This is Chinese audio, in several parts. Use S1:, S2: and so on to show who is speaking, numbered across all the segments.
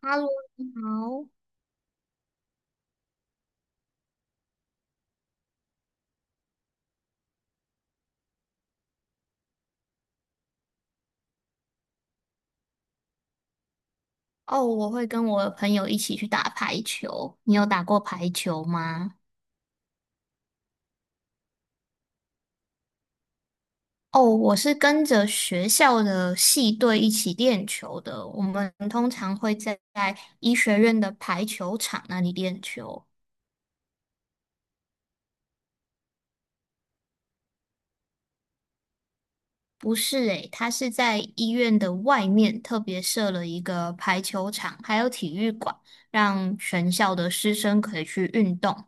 S1: 哈喽，你好。哦，我会跟我的朋友一起去打排球。你有打过排球吗？哦，我是跟着学校的系队一起练球的。我们通常会在医学院的排球场那里练球。不是诶，他是在医院的外面特别设了一个排球场，还有体育馆，让全校的师生可以去运动。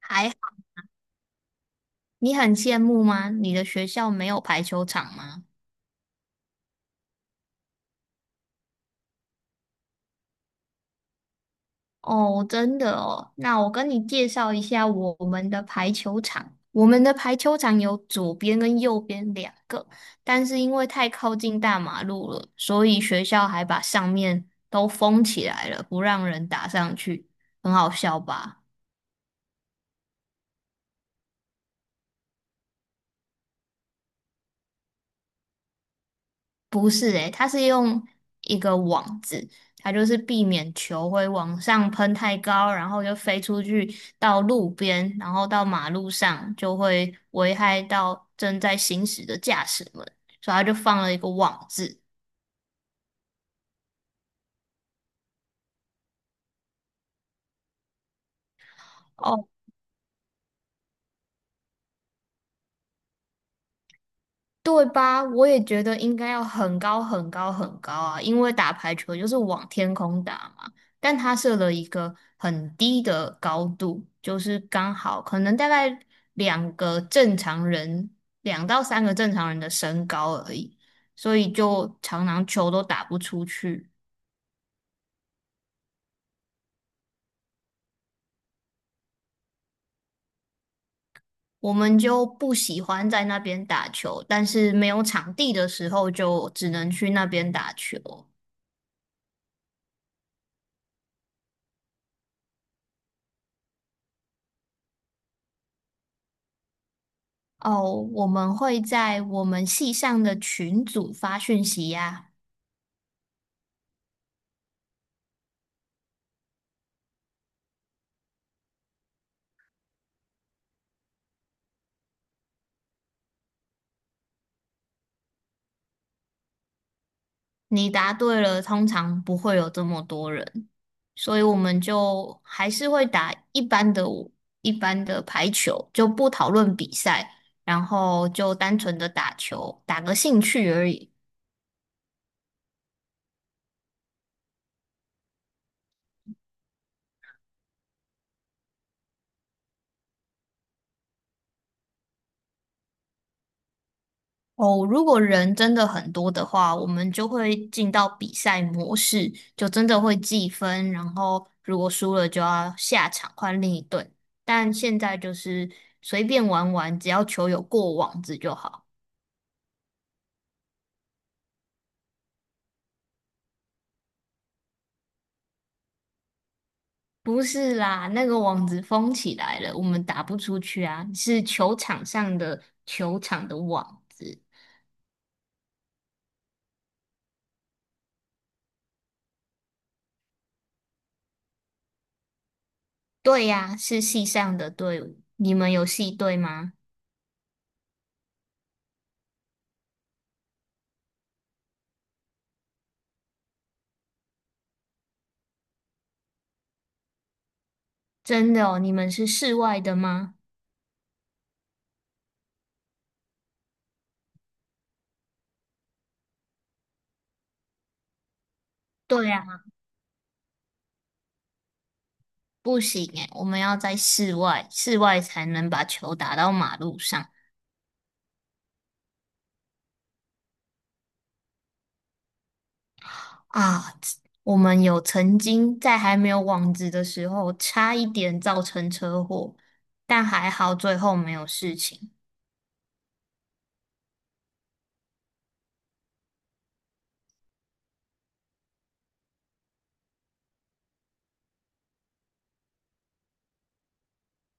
S1: 还好，你很羡慕吗？你的学校没有排球场吗？哦，真的哦，那我跟你介绍一下我们的排球场。我们的排球场有左边跟右边两个，但是因为太靠近大马路了，所以学校还把上面都封起来了，不让人打上去，很好笑吧？不是诶，它是用一个网子，它就是避免球会往上喷太高，然后就飞出去到路边，然后到马路上，就会危害到正在行驶的驾驶们，所以它就放了一个网子。哦。对吧？我也觉得应该要很高很高很高啊，因为打排球就是往天空打嘛。但他设了一个很低的高度，就是刚好可能大概两个正常人，两到三个正常人的身高而已，所以就常常球都打不出去。我们就不喜欢在那边打球，但是没有场地的时候就只能去那边打球。哦，我们会在我们系上的群组发讯息呀。你答对了，通常不会有这么多人，所以我们就还是会打一般的排球，就不讨论比赛，然后就单纯的打球，打个兴趣而已。哦，如果人真的很多的话，我们就会进到比赛模式，就真的会计分，然后如果输了就要下场换另一队。但现在就是随便玩玩，只要球有过网子就好。不是啦，那个网子封起来了，我们打不出去啊，是球场上的球场的网子。对呀，是系上的队伍。你们有系队吗？真的哦，你们是室外的吗？对呀。不行诶，我们要在室外，室外才能把球打到马路上啊。我们有曾经在还没有网子的时候，差一点造成车祸，但还好最后没有事情。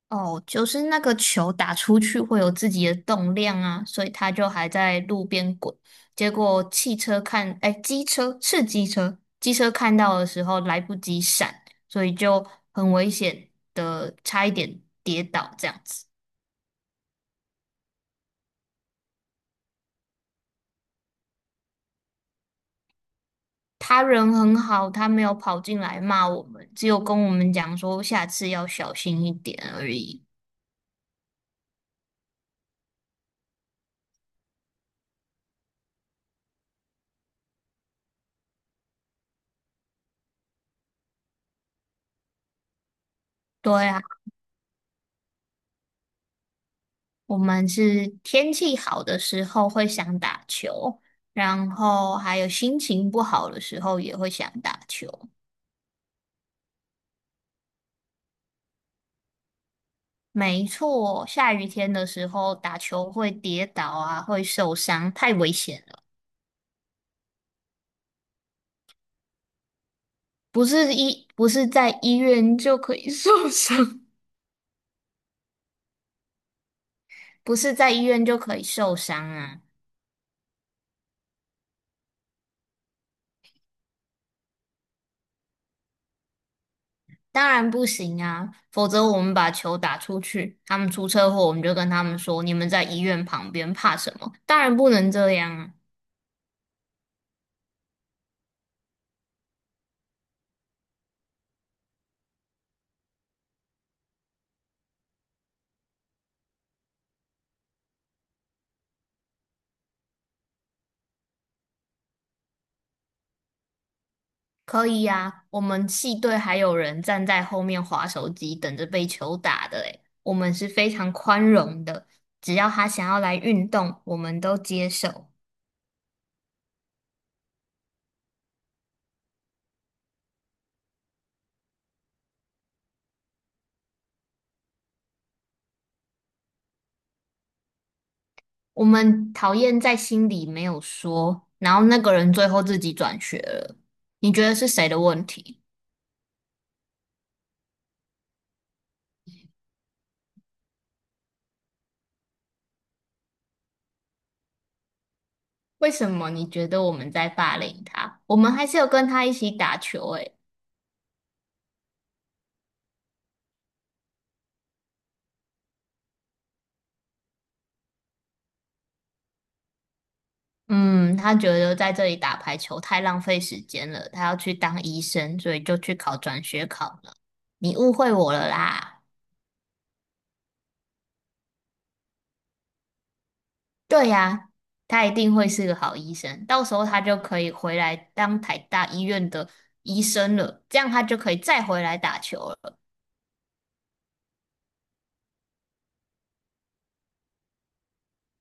S1: 哦，就是那个球打出去会有自己的动量啊，所以它就还在路边滚。结果汽车看，哎，机车是机车，机车看到的时候来不及闪，所以就很危险的，差一点跌倒这样子。他人很好，他没有跑进来骂我们，只有跟我们讲说下次要小心一点而已。对啊，我们是天气好的时候会想打球，然后还有心情不好的时候也会想打球。没错，下雨天的时候打球会跌倒啊，会受伤，太危险了。不是在医院就可以 受伤，不是在医院就可以受伤啊。当然不行啊，否则我们把球打出去，他们出车祸，我们就跟他们说，你们在医院旁边，怕什么？当然不能这样啊。可以呀、我们系队还有人站在后面划手机，等着被球打的诶，我们是非常宽容的，只要他想要来运动，我们都接受。我们讨厌在心里没有说，然后那个人最后自己转学了，你觉得是谁的问题？为什么你觉得我们在霸凌他？我们还是有跟他一起打球诶。嗯，他觉得在这里打排球太浪费时间了，他要去当医生，所以就去考转学考了。你误会我了啦。对呀，他一定会是个好医生，到时候他就可以回来当台大医院的医生了，这样他就可以再回来打球了。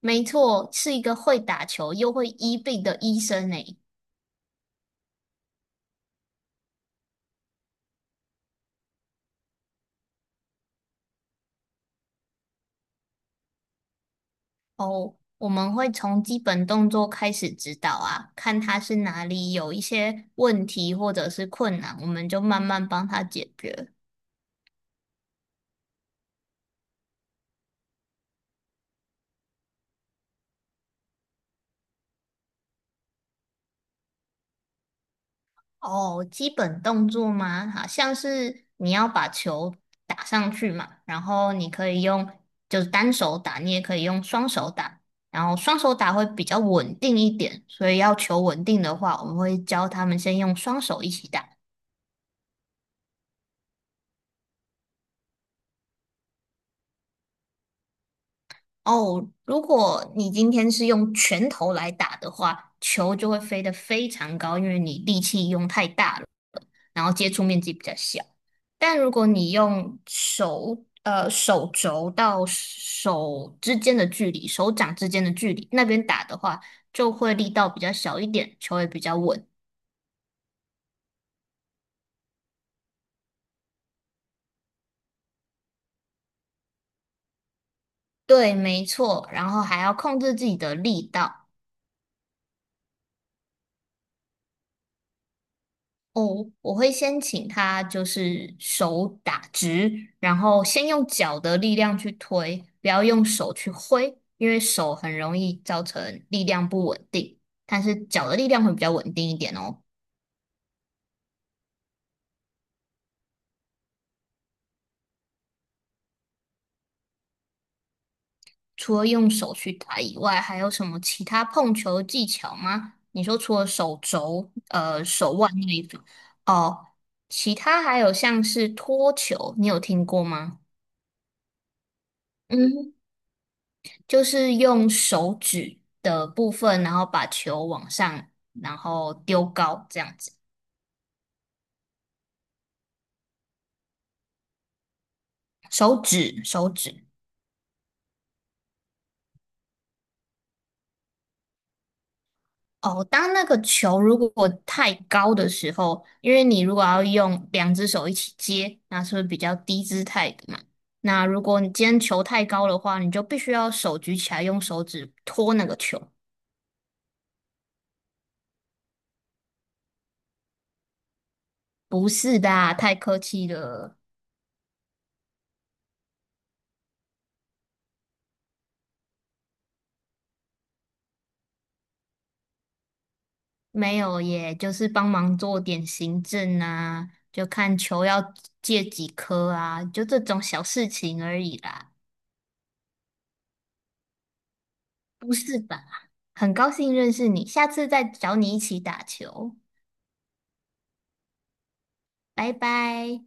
S1: 没错，是一个会打球又会医病的医生呢。哦，我们会从基本动作开始指导啊，看他是哪里有一些问题或者是困难，我们就慢慢帮他解决。哦，基本动作吗？好像是你要把球打上去嘛，然后你可以用就是单手打，你也可以用双手打，然后双手打会比较稳定一点，所以要求稳定的话，我们会教他们先用双手一起打。哦，如果你今天是用拳头来打的话，球就会飞得非常高，因为你力气用太大了，然后接触面积比较小。但如果你用手，手肘到手之间的距离，手掌之间的距离，那边打的话，就会力道比较小一点，球也比较稳。对，没错，然后还要控制自己的力道。哦，我会先请他就是手打直，然后先用脚的力量去推，不要用手去挥，因为手很容易造成力量不稳定。但是脚的力量会比较稳定一点哦。除了用手去打以外，还有什么其他碰球的技巧吗？你说除了手肘、手腕那一种，哦，其他还有像是托球，你有听过吗？就是用手指的部分，然后把球往上，然后丢高这样子。手指，手指。哦，当那个球如果太高的时候，因为你如果要用两只手一起接，那是不是比较低姿态的嘛？那如果你今天球太高的话，你就必须要手举起来，用手指托那个球。不是的啊太客气了。没有耶，就是帮忙做点行政啊，就看球要借几颗啊，就这种小事情而已啦，不是吧？很高兴认识你，下次再找你一起打球，拜拜。